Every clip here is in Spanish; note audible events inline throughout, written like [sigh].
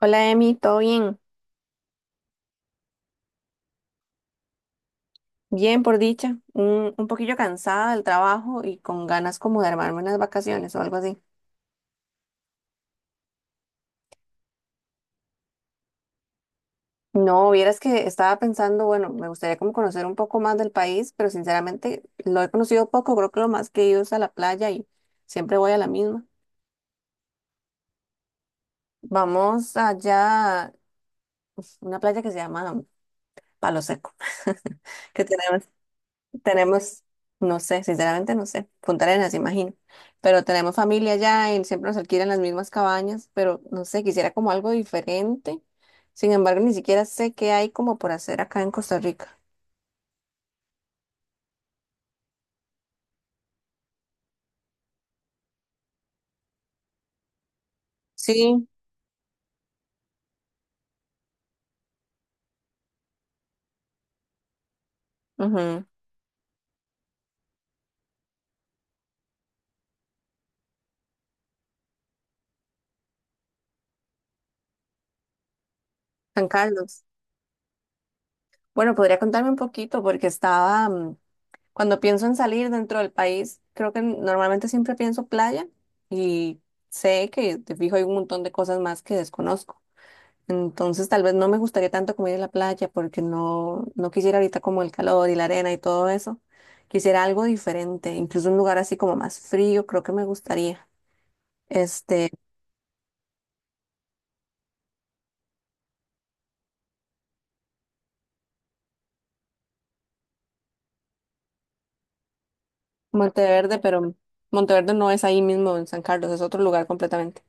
Hola Emi, ¿todo bien? Bien, por dicha. Un poquillo cansada del trabajo y con ganas como de armarme unas vacaciones o algo así. No, vieras que estaba pensando, bueno, me gustaría como conocer un poco más del país, pero sinceramente lo he conocido poco, creo que lo más que he ido es a la playa y siempre voy a la misma. Vamos allá, una playa que se llama Palo Seco, [laughs] que tenemos. Tenemos, no sé, sinceramente no sé, Punta Arenas, imagino, pero tenemos familia allá y siempre nos alquilan las mismas cabañas, pero no sé, quisiera como algo diferente. Sin embargo, ni siquiera sé qué hay como por hacer acá en Costa Rica. Sí, ujú. San Carlos. Bueno, podría contarme un poquito porque estaba, cuando pienso en salir dentro del país, creo que normalmente siempre pienso playa y sé que de fijo hay un montón de cosas más que desconozco. Entonces, tal vez no me gustaría tanto como ir a la playa porque no, no quisiera ahorita como el calor y la arena y todo eso. Quisiera algo diferente, incluso un lugar así como más frío, creo que me gustaría. Este, Monteverde, pero Monteverde no es ahí mismo en San Carlos, es otro lugar completamente.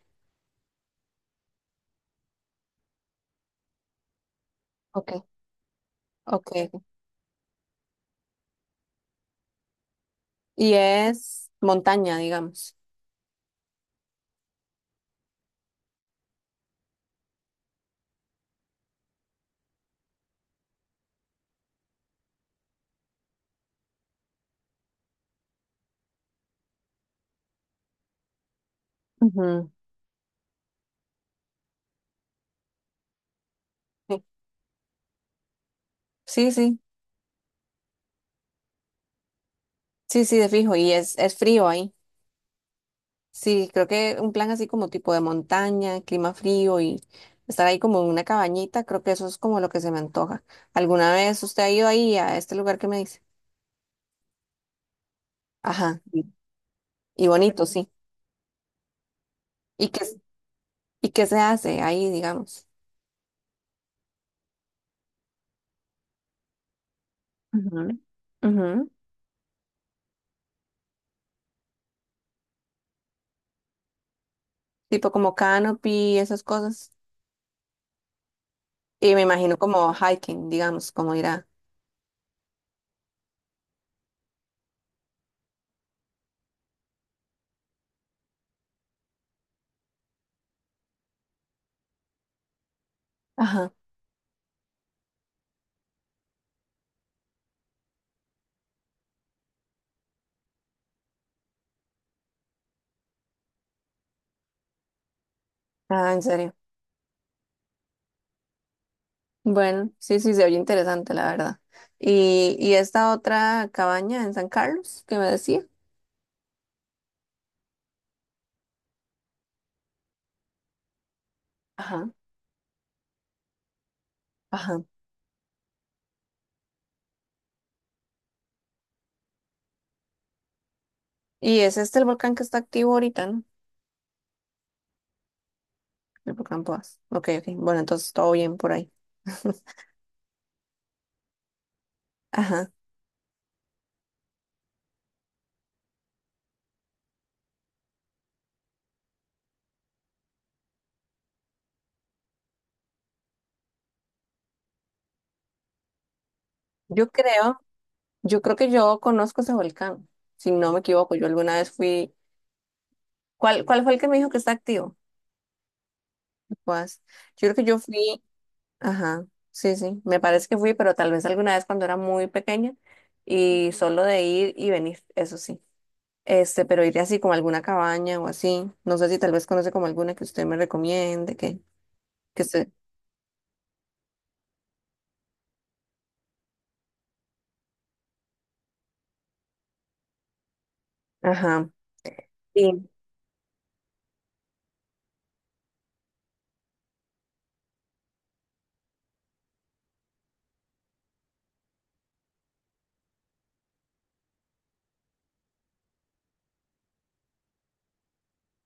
Ok, ok. Y es montaña, digamos. Ujú. Sí, sí, sí, sí, sí, de fijo. Y es frío ahí. Sí, creo que un plan así como tipo de montaña, clima frío y estar ahí como en una cabañita, creo que eso es como lo que se me antoja. ¿Alguna vez usted ha ido ahí a este lugar que me dice? Ajá, sí. Y bonito, sí. ¿Y qué, y qué se hace ahí, digamos? Ujú. Ujú. Tipo como canopy, esas cosas. Y me imagino como hiking, digamos, como ir a... Ajá. Ah, ¿en serio? Bueno, sí, sí, se oye interesante, la verdad. Y esta otra cabaña en San Carlos que me decía? Ajá, ajá. ¿Y es este el volcán que está activo ahorita, no? El volcán Poás. Ok, ok. Bueno, entonces todo bien por ahí. [laughs] Ajá. Yo creo, yo creo que yo conozco ese volcán, si no me equivoco. Yo alguna vez fui. ¿Cuál fue el que me dijo que está activo? El Poás yo creo que yo fui. Ajá. Sí, sí. Me parece que fui, pero tal vez alguna vez cuando era muy pequeña y solo de ir y venir, eso sí. Este, pero ir así como a alguna cabaña o así. No sé si tal vez conoce como alguna que usted me recomiende, que usted. Ajá. Sí.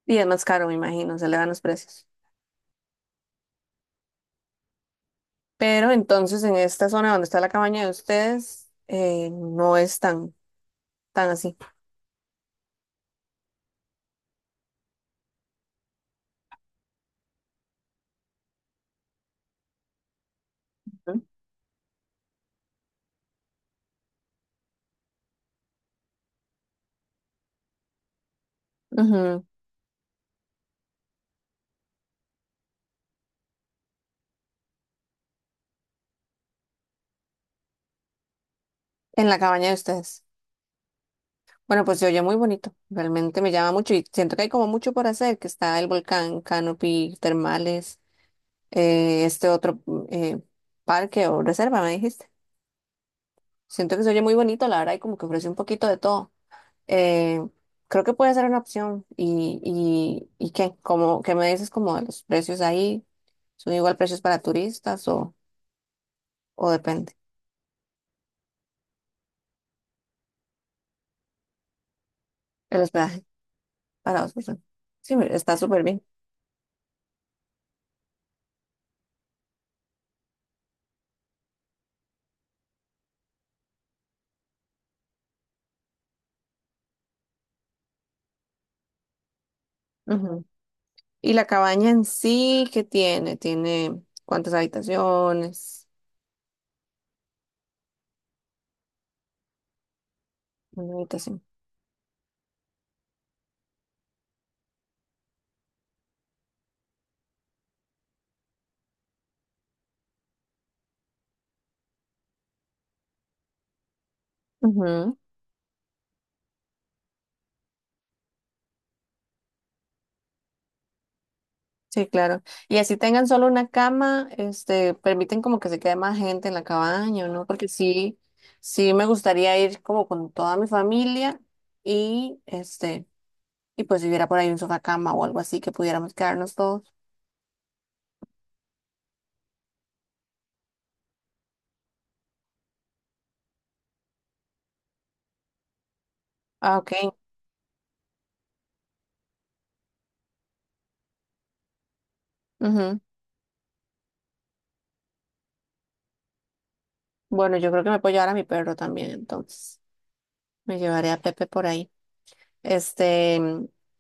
Y es más caro, me imagino, se le dan los precios. Pero entonces en esta zona donde está la cabaña de ustedes, no es tan así. Ujú. Ujú. En la cabaña de ustedes. Bueno, pues se oye muy bonito. Realmente me llama mucho y siento que hay como mucho por hacer, que está el volcán, canopy, termales, eh, este otro mm, eh, parque o reserva, me dijiste. Siento que se oye muy bonito, la verdad, y como que ofrece un poquito de todo. Eh, creo que puede ser una opción. Y qué? Como, ¿qué me dices como de los precios ahí? ¿Son igual precios para turistas o depende? El hospedaje para dos personas. Sí, mira, está súper bien. Ujú. ¿Y la cabaña en sí qué tiene? ¿Tiene cuántas habitaciones? Una habitación. Sí, claro. Y así tengan solo una cama, este, permiten como que se quede más gente en la cabaña, ¿no? Porque sí, sí me gustaría ir como con toda mi familia y este, y pues si hubiera por ahí un sofá cama o algo así que pudiéramos quedarnos todos. Ah, ok. Ujú. Bueno, yo creo que me puedo llevar a mi perro también, entonces. Me llevaré a Pepe por ahí. Este,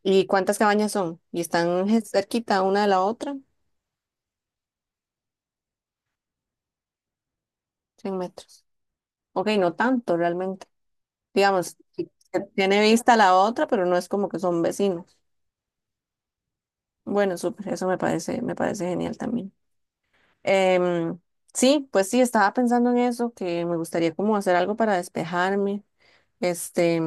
¿y cuántas cabañas son? ¿Y están je- cerquita una de la otra? 100 metros. Ok, no tanto realmente. Digamos, que tiene vista la otra, pero no es como que son vecinos. Bueno, súper, eso me parece genial también. Em, sí, pues sí, estaba pensando en eso, que me gustaría como hacer algo para despejarme. Este,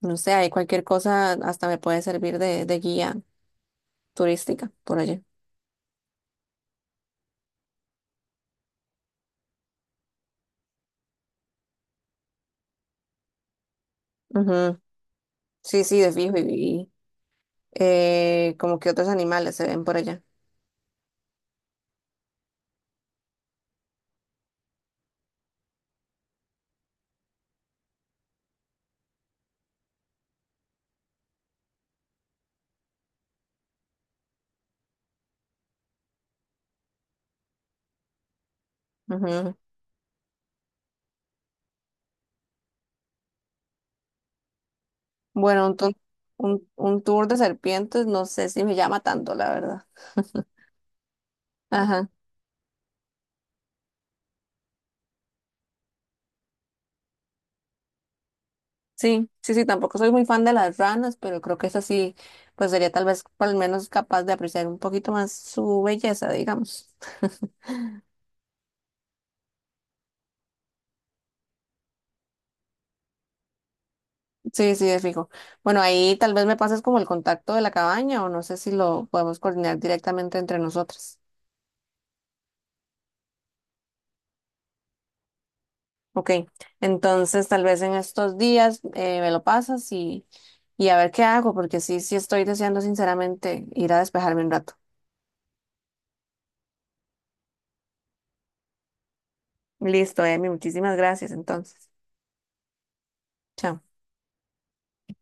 no sé, hay cualquier cosa, hasta me puede servir de guía turística por allá. Ujú. Sí, sí, de fijo, y, como que otros animales se ven por allá. Ujú. Bueno, un, tu- un tour de serpientes, no sé si me llama tanto, la verdad. Ajá. Sí, sí, sí, tampoco soy muy fan de las ranas, pero creo que esa sí, pues sería tal vez por lo menos capaz de apreciar un poquito más su belleza, digamos. [laughs] Sí, sí, es fijo. Bueno, ahí tal vez me pases como el contacto de la cabaña o no sé si lo podemos coordinar directamente entre nosotras. Ok, entonces tal vez en estos días me lo pasas y a ver qué hago, porque sí, sí estoy deseando sinceramente ir a despejarme un rato. Listo, Emi, muchísimas gracias entonces. Chao.